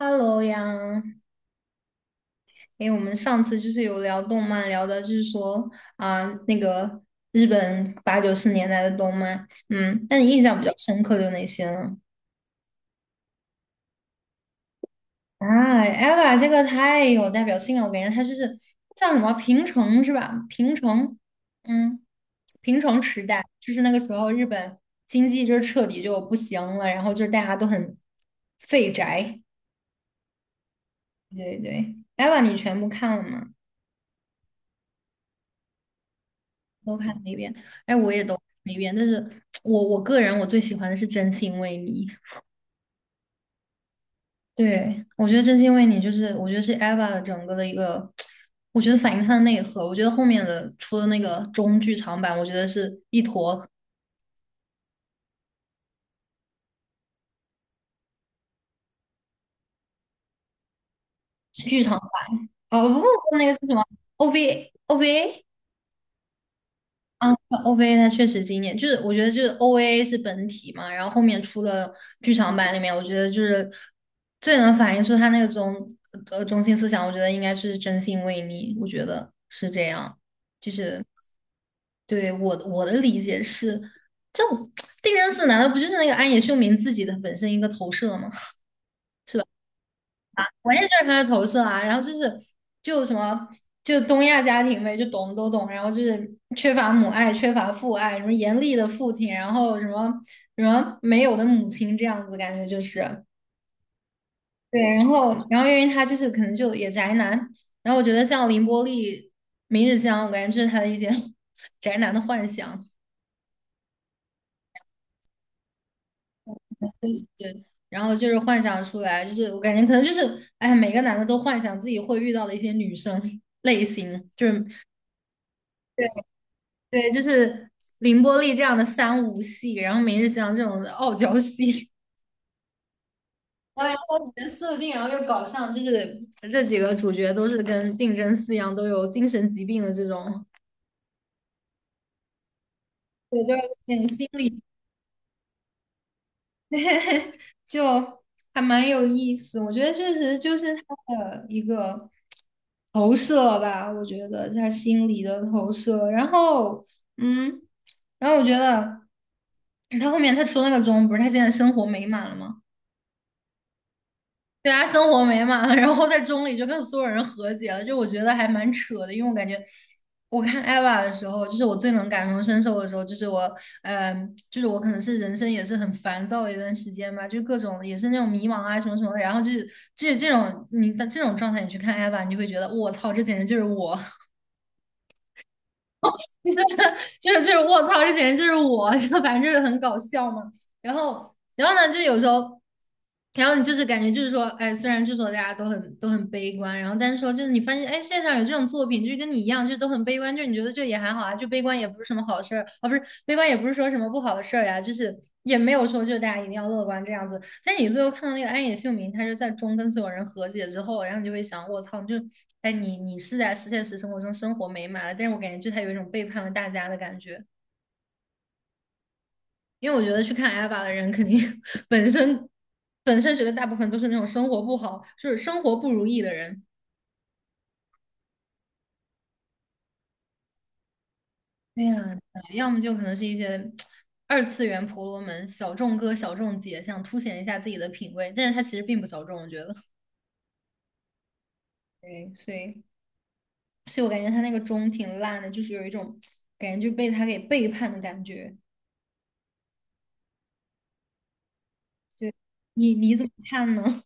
Hello 呀，诶，我们上次就是有聊动漫，聊的就是说啊、那个日本八九十年代的动漫，嗯，那你印象比较深刻的有哪些呢？啊，EVA 这个太有代表性了，我感觉它就是叫什么平成是吧？嗯，平成时代就是那个时候日本经济就是彻底就不行了，然后就是大家都很废宅，对对，EVA 你全部看了吗？都看了一遍，哎，我也都看了一遍，但是我个人我最喜欢的是《真心为你》，对，我觉得《真心为你》就是我觉得是 Eva 的整个的一个，我觉得反映她的内核，我觉得后面的出的那个中剧场版，我觉得是一坨剧场版，哦不不，那个是什么 OVA 嗯，OVA 它确实经典，就是我觉得就是 OVA 是本体嘛，然后后面出了剧场版里面，我觉得就是最能反映出他那个中心思想，我觉得应该是真心为你，我觉得是这样，就是对我的理解是，这种 定真寺难道不就是那个安野秀明自己的本身一个投射吗？我也就是他的投射啊，然后就是就什么就东亚家庭呗，就懂都懂，然后就是缺乏母爱，缺乏父爱，什么严厉的父亲，然后什么什么没有的母亲这样子，感觉就是对，然后因为他就是可能就也宅男，然后我觉得像凌波丽、明日香，我感觉就是他的一些 宅男的幻想，对，然后就是幻想出来，就是我感觉可能就是哎呀每个男的都幻想自己会遇到的一些女生 类型，就是。对。对，就是凌波丽这样的三无戏，然后明日香这种的傲娇戏，然后里面设定，然后又搞上，就是这几个主角都是跟定真寺一样，都有精神疾病的这种，对，就有点心理，就还蛮有意思。我觉得确实就是他的一个投射吧，我觉得他心理的投射。然后，嗯，然后我觉得他后面他出那个钟，不是他现在生活美满了吗？对啊，生活美满了，然后在中里就跟所有人和解了，就我觉得还蛮扯的，因为我感觉我看 Eva 的时候，就是我最能感同身受的时候，就是我，嗯、就是我可能是人生也是很烦躁的一段时间吧，就各种也是那种迷茫啊什么什么的，然后就是这种你的这种状态，你去看 Eva,你就会觉得我操，这简直就是我，就是我操，这简直就是我，就反正就是很搞笑嘛。然后然后呢，就有时候，然后你就是感觉就是说，哎，虽然就说大家都很悲观，然后但是说就是你发现，哎，线上有这种作品，就是跟你一样，就是都很悲观，就是你觉得就也还好啊，就悲观也不是什么好事儿啊，不是悲观也不是说什么不好的事儿呀，就是也没有说就是大家一定要乐观这样子。但是你最后看到那个安野秀明，他是在中跟所有人和解之后，然后你就会想，我操，就哎你是在现实生活中生活美满了，但是我感觉就他有一种背叛了大家的感觉。因为我觉得去看 a b b 的人，肯定 本身本身觉得大部分都是那种生活不好，就是生活不如意的人。对呀，对要么就可能是一些二次元婆罗门、小众哥、小众姐，想凸显一下自己的品味，但是他其实并不小众，我觉得。对，所以所以我感觉他那个钟挺烂的，就是有一种感觉就被他给背叛的感觉。对，你怎么看呢？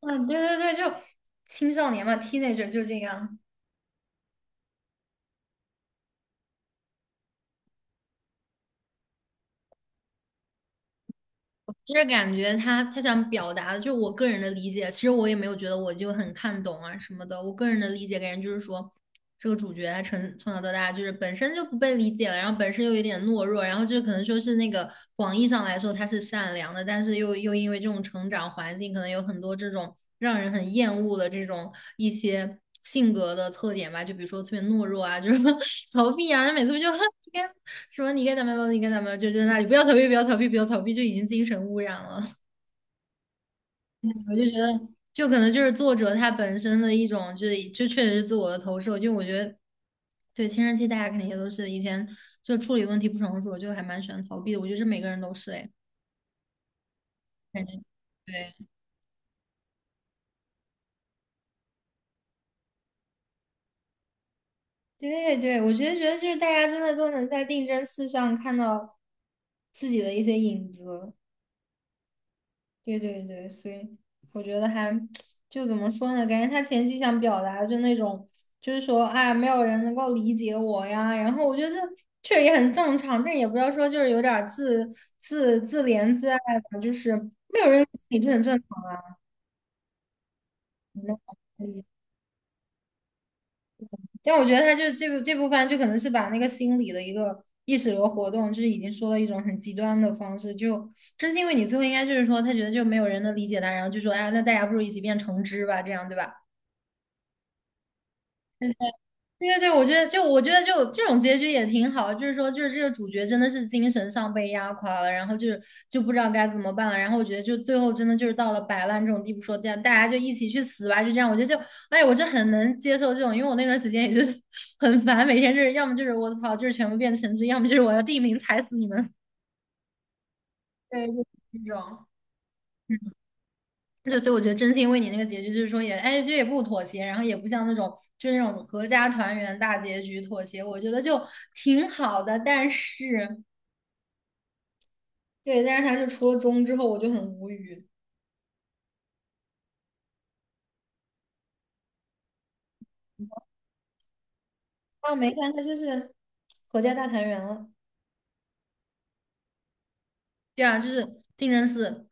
嗯，对对对，就青少年嘛，teenager 就这样。其实感觉他想表达的，就是我个人的理解。其实我也没有觉得我就很看懂啊什么的。我个人的理解感觉就是说，这个主角他从小到大就是本身就不被理解了，然后本身又有点懦弱，然后就可能说是那个广义上来说他是善良的，但是又因为这种成长环境，可能有很多这种让人很厌恶的这种一些性格的特点吧，就比如说特别懦弱啊，就是 逃避啊，每次不就 跟说你该怎么样，你该怎么样，就在那里不要逃避，不要逃避，不要逃避，就已经精神污染了。我就觉得，就可能就是作者他本身的一种，就是就确实是自我的投射。就我觉得，对青春期大家肯定也都是以前就处理问题不成熟，就还蛮喜欢逃避的。我觉得这每个人都是哎，感觉对对对，我觉得就是大家真的都能在定真寺上看到自己的一些影子。对对对，所以我觉得还 就怎么说呢？感觉他前期想表达的就那种，就是说啊，没有人能够理解我呀。然后我觉得这确实也很正常，但也不要说就是有点儿自怜自爱吧，就是没有人理解你这很正常。你能懂的但我觉得他就这部分就可能是把那个心理的一个意识流活动，就是已经说了一种很极端的方式，就真心为你最后应该就是说他觉得就没有人能理解他，然后就说哎，那大家不如一起变成汁吧，这样对吧？对对对，我觉得就我觉得就这种结局也挺好，就是说就是这个主角真的是精神上被压垮了，然后就是就不知道该怎么办了，然后我觉得就最后真的就是到了摆烂这种地步，说这样大家就一起去死吧，就这样，我觉得就哎，我就很能接受这种，因为我那段时间也就是 很烦，每天就是要么就是我操，就是全部变成绩，要么就是我要地名踩死你们，对，就是这种。对，所以我觉得真心为你那个结局，就是说也，哎，这也不妥协，然后也不像那种就是那种合家团圆大结局妥协，我觉得就挺好的。但是，对，但是他是出了中之后，我就很无语。啊，没看他就是合家大团圆了。对啊，就是定真寺，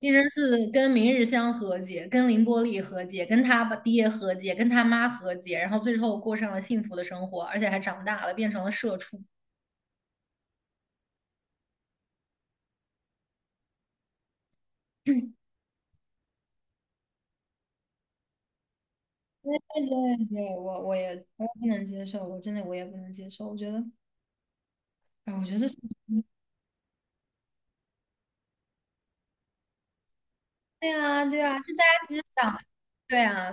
定真寺跟明日香和解，跟凌波丽和解，跟他爸爹和解，跟他妈和解，然后最后过上了幸福的生活，而且还长大了，变成了社畜。对对对，我也我也不能接受，我真的我也不能接受。我觉得，哎，我觉得这是对啊，对啊，就大家其实想，对啊，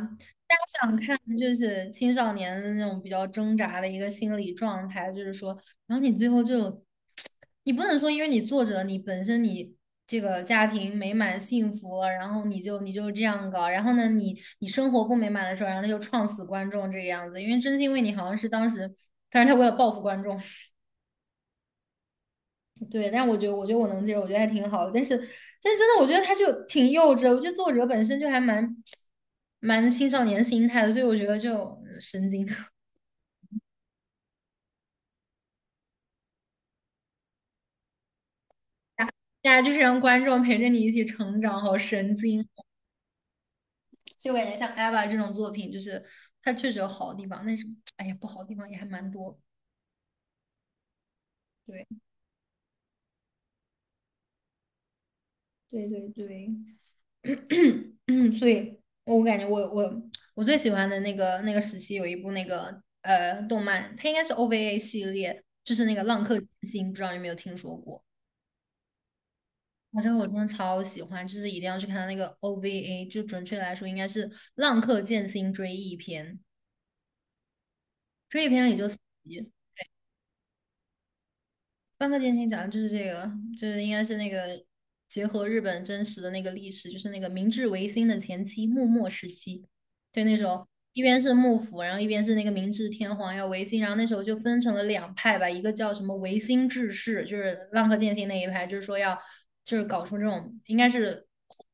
大家想看就是青少年的那种比较挣扎的一个心理状态，就是说，然后你最后就，你不能说因为你作者你本身你这个家庭美满幸福了，然后你就你就这样搞，然后呢你你生活不美满的时候，然后就创死观众这个样子，因为真心为你好像是当时，但是他为了报复观众。对，但是我觉得，我觉得我能接受，我觉得还挺好的。但是，但是真的，我觉得他就挺幼稚的。我觉得作者本身就还蛮青少年心态的，所以我觉得就嗯神经。大家就是让观众陪着你一起成长，好神经。就感觉像《艾娃》这种作品，就是它确实有好的地方，但是哎呀，不好的地方也还蛮多。对，对对对。嗯，所以我感觉我我最喜欢的那个那个时期有一部那个呃动漫，它应该是 OVA 系列，就是那个《浪客剑心》，不知道你有没有听说过？啊，这个我真的超喜欢，就是一定要去看它那个 OVA,就准确来说应该是《浪客剑心追忆篇》，追忆篇里就四集浪客剑心讲的就是这个，就是应该是那个结合日本真实的那个历史，就是那个明治维新的前期幕末时期。对，那时候一边是幕府，然后一边是那个明治天皇要维新，然后那时候就分成了两派吧，一个叫什么维新志士，就是浪客剑心那一派，就是说要就是搞出这种应该是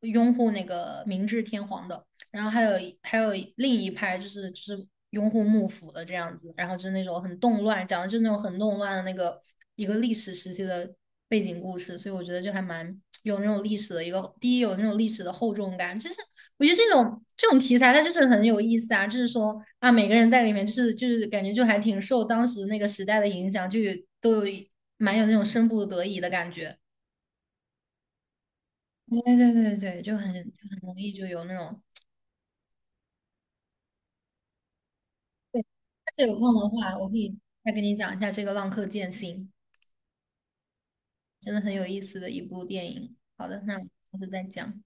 拥护那个明治天皇的。然后还有另一派就是拥护幕府的这样子，然后就是那种很动乱，讲的就是那种很动乱的那个一个历史时期的背景故事，所以我觉得就还蛮有那种历史的一个，第一有那种历史的厚重感，就是我觉得这种这种题材它就是很有意思啊，就是说啊每个人在里面就是感觉就还挺受当时那个时代的影响，就有都有一蛮有那种身不得已的感觉，对对对对，就很就很容易就有那种。对这有空的话，我可以再跟你讲一下这个《浪客剑心》，真的很有意思的一部电影。好的，那我们下次再讲。